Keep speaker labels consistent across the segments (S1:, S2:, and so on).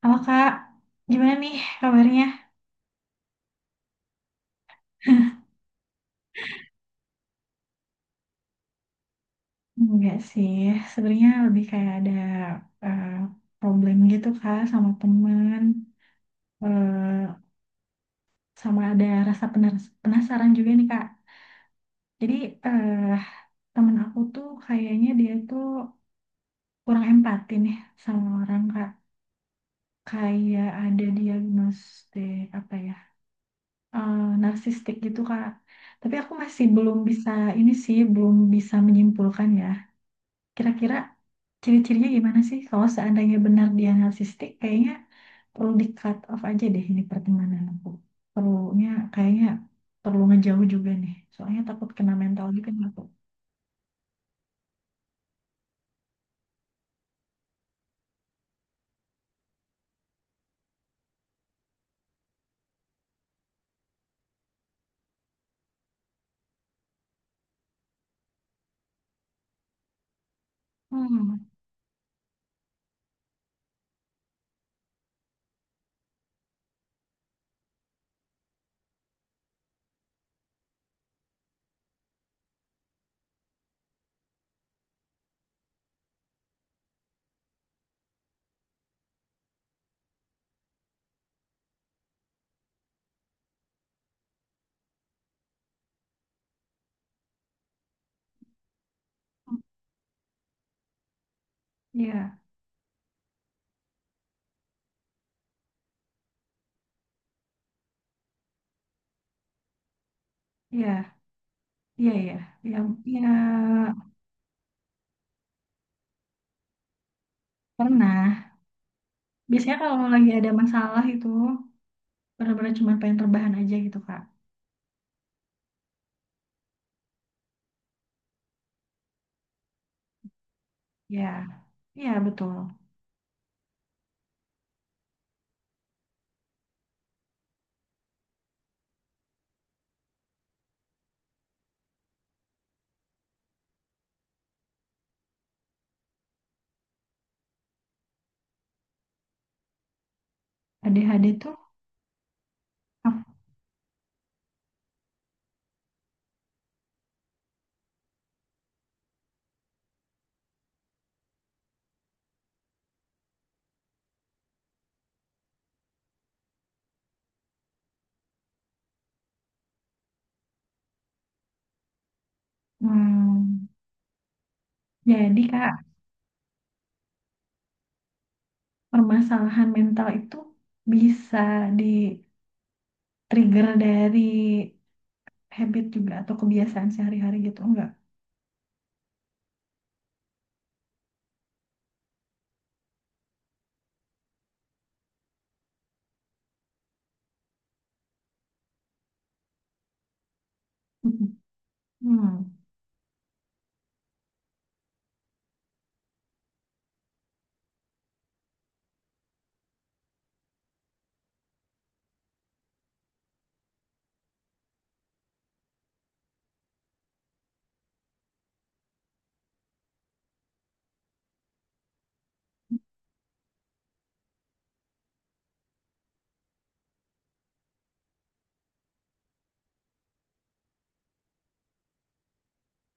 S1: Halo Kak, gimana nih kabarnya? Enggak sih, sebenarnya lebih kayak ada eh, problem gitu Kak sama temen. Eh, Sama ada rasa penasaran juga nih Kak. Jadi, eh temen aku tuh kayaknya dia tuh kurang empati nih sama orang Kak. Kayak ada diagnostik apa ya, eh, narsistik gitu Kak. Tapi aku masih belum bisa, ini sih belum bisa menyimpulkan ya. Kira-kira ciri-cirinya gimana sih? Kalau seandainya benar dia narsistik, kayaknya perlu di cut off aja deh ini pertemanan aku. Perlunya kayaknya perlu ngejauh juga nih. Soalnya takut kena mental juga nih aku. Hmm, ya, ya, ya, ya, ya, iya, pernah. Biasanya kalau lagi ada masalah itu, benar-benar cuma pengen terbahan aja gitu, Kak. Ya, ya betul. ADHD tuh, ah, hmm, jadi Kak, permasalahan mental itu bisa di trigger dari habit juga atau kebiasaan sehari-hari gitu enggak? Mhm. Hmm,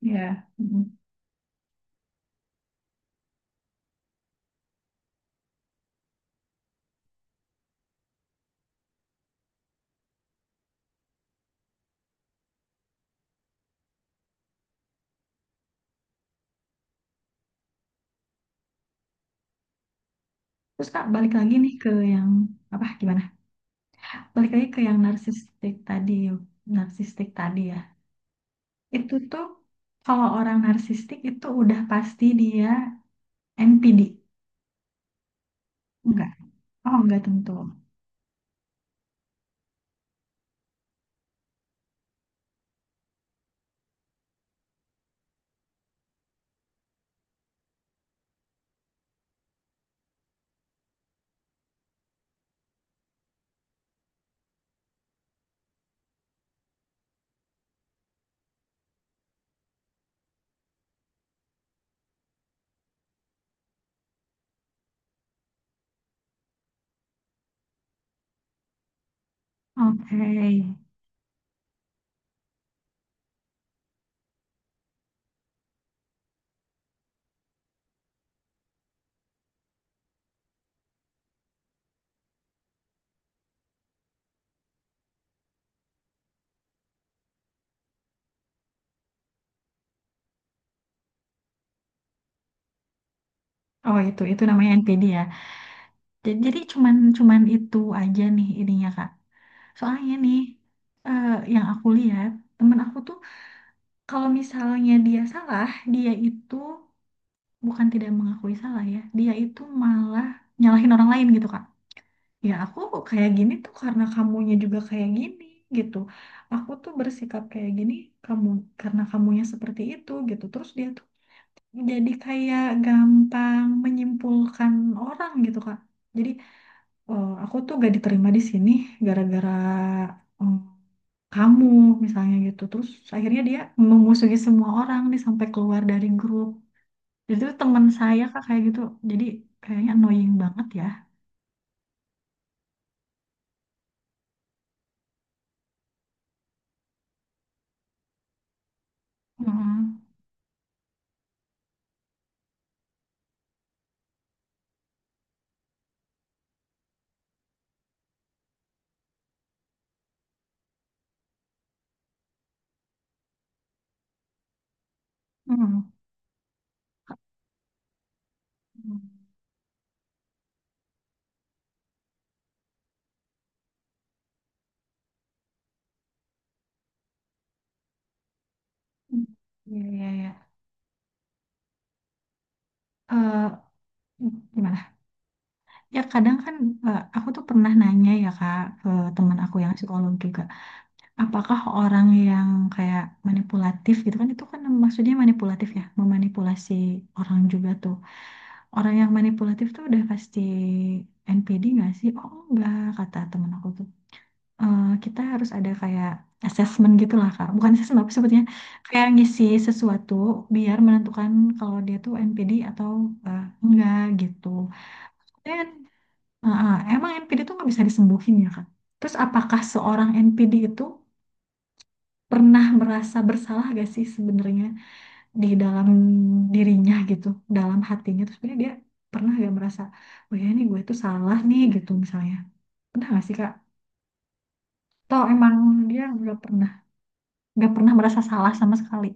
S1: ya. Mhm. Terus Kak balik lagi nih ke yang apa gimana? Balik lagi ke yang narsistik tadi ya. Itu tuh kalau orang narsistik itu udah pasti dia NPD. Enggak. Oh, enggak tentu. Oke. Oh, itu namanya NPD ya. Jadi cuman cuman itu aja nih ininya Kak. Soalnya nih, eh, yang aku lihat, temen aku tuh kalau misalnya dia salah, dia itu bukan tidak mengakui salah ya, dia itu malah nyalahin orang lain gitu, Kak. Ya aku kayak gini tuh karena kamunya juga kayak gini gitu. Aku tuh bersikap kayak gini kamu karena kamunya seperti itu gitu. Terus dia tuh jadi kayak gampang menyimpulkan orang gitu, Kak. Jadi, aku tuh gak diterima di sini gara-gara eh, kamu misalnya gitu terus akhirnya dia memusuhi semua orang nih sampai keluar dari grup. Jadi itu teman saya kak kayak gitu, jadi kayaknya annoying banget ya. Mm-mm. Mm-mm. Mm. Iya, iya, iya. Eh, Gimana? Ya kadang kan, aku tuh pernah nanya ya Kak ke teman aku yang psikolog juga, apakah orang yang kayak manipulatif gitu kan, itu kan maksudnya manipulatif ya, memanipulasi orang juga tuh. Orang yang manipulatif tuh udah pasti NPD nggak sih? Oh enggak, kata temen aku tuh. Eh, kita harus ada kayak assessment gitu lah, Kak. Bukan assessment, apa sebetulnya? Kayak ngisi sesuatu biar menentukan kalau dia tuh NPD atau enggak gitu. Dan emang NPD tuh nggak bisa disembuhin ya, Kak? Terus apakah seorang NPD itu pernah merasa bersalah gak sih sebenarnya? Di dalam dirinya gitu, dalam hatinya, terus sebenarnya dia pernah gak merasa, oh ya ini gue tuh salah nih gitu misalnya. Pernah gak sih Kak? Atau emang dia nggak pernah merasa salah sama sekali.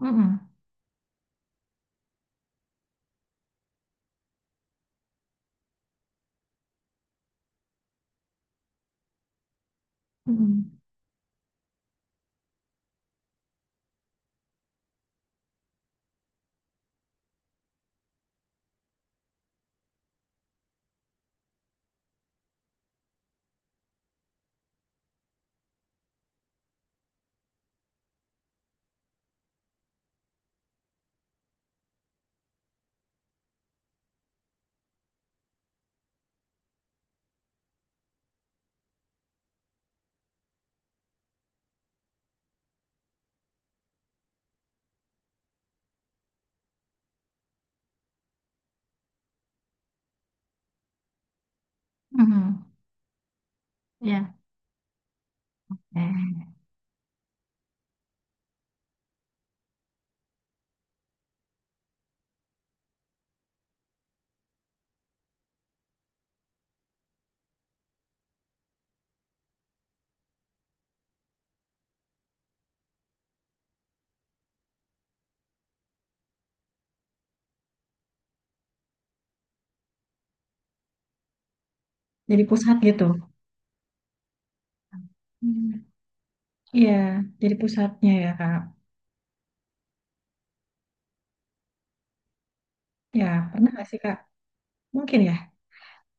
S1: Mm-mm. Mm-mm. Mm-mm. Ya. Eh, jadi pusat gitu. Hmm. Iya, jadi pusatnya ya Kak. Ya, pernah gak sih Kak? Mungkin ya.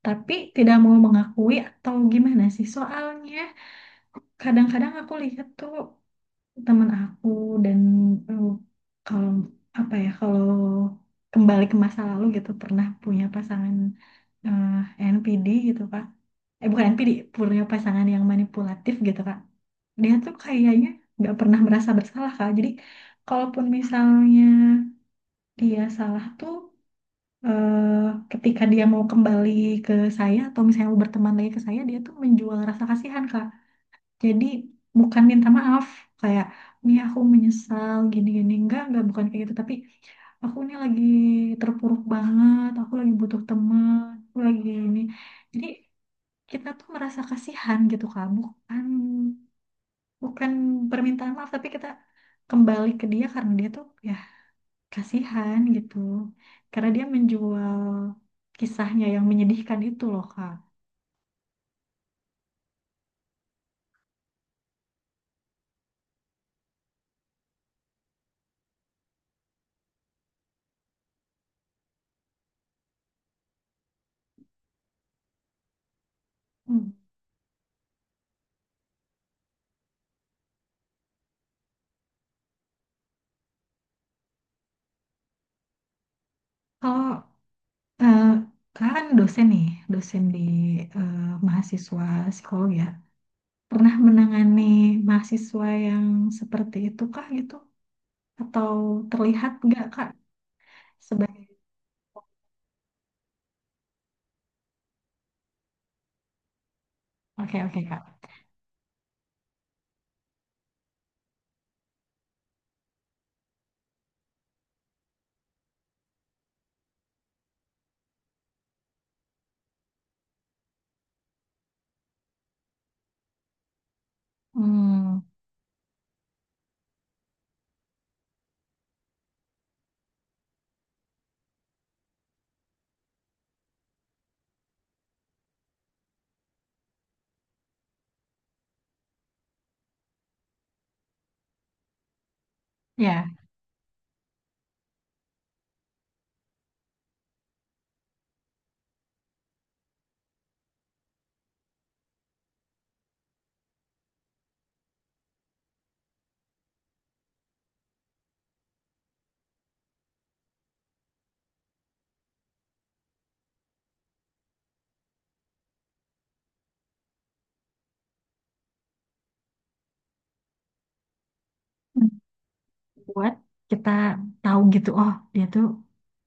S1: Tapi tidak mau mengakui atau gimana sih? Soalnya kadang-kadang aku lihat tuh teman aku, dan eh, kalau apa ya kalau kembali ke masa lalu gitu pernah punya pasangan eh, NPD gitu Kak. Eh bukan NPD, punya pasangan yang manipulatif gitu Kak. Dia tuh kayaknya nggak pernah merasa bersalah Kak. Jadi kalaupun misalnya dia salah tuh, eh, ketika dia mau kembali ke saya atau misalnya mau berteman lagi ke saya, dia tuh menjual rasa kasihan Kak. Jadi bukan minta maaf kayak Mia aku menyesal gini-gini enggak bukan kayak gitu, tapi aku ini lagi terpuruk banget aku lagi butuh teman aku lagi ini, jadi kita tuh merasa kasihan gitu kak. Bukan bukan permintaan maaf tapi kita kembali ke dia karena dia tuh ya kasihan gitu, karena dia menjual kisahnya yang menyedihkan itu loh kak. Hmm. Kalau Eh, kakak kan dosen nih, dosen di eh, mahasiswa psikolog ya. Pernah menangani mahasiswa yang seperti itu kah gitu? Atau terlihat nggak kak sebagai... Oke oke kak. Hmm, ya, buat kita tahu gitu. Oh dia tuh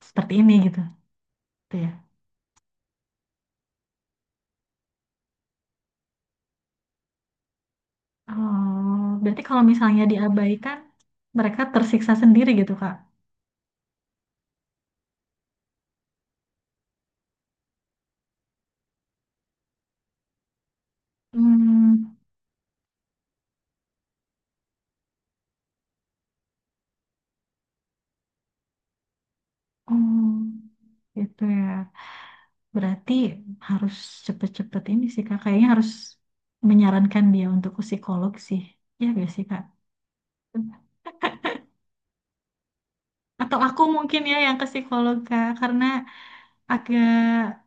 S1: seperti ini gitu, gitu ya. Oh berarti kalau misalnya diabaikan, mereka tersiksa sendiri gitu kak. Hmm, oh gitu ya. Berarti harus cepet-cepet ini sih Kak. Kayaknya harus menyarankan dia untuk ke psikolog sih. Ya gak sih Kak? Atau aku mungkin ya yang ke psikolog Kak. Karena agak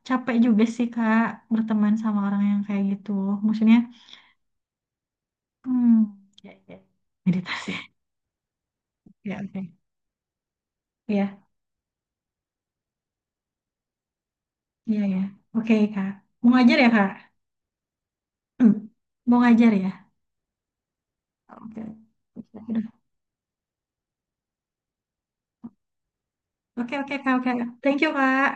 S1: capek juga sih Kak berteman sama orang yang kayak gitu. Maksudnya, hmm, ya, ya. Meditasi. Ya oke. Iya, iya ya. Oke Kak. Mau ngajar ya Kak? Hmm. Mau ngajar ya? Oke. Oke oke Kak. Oke. Thank you Kak.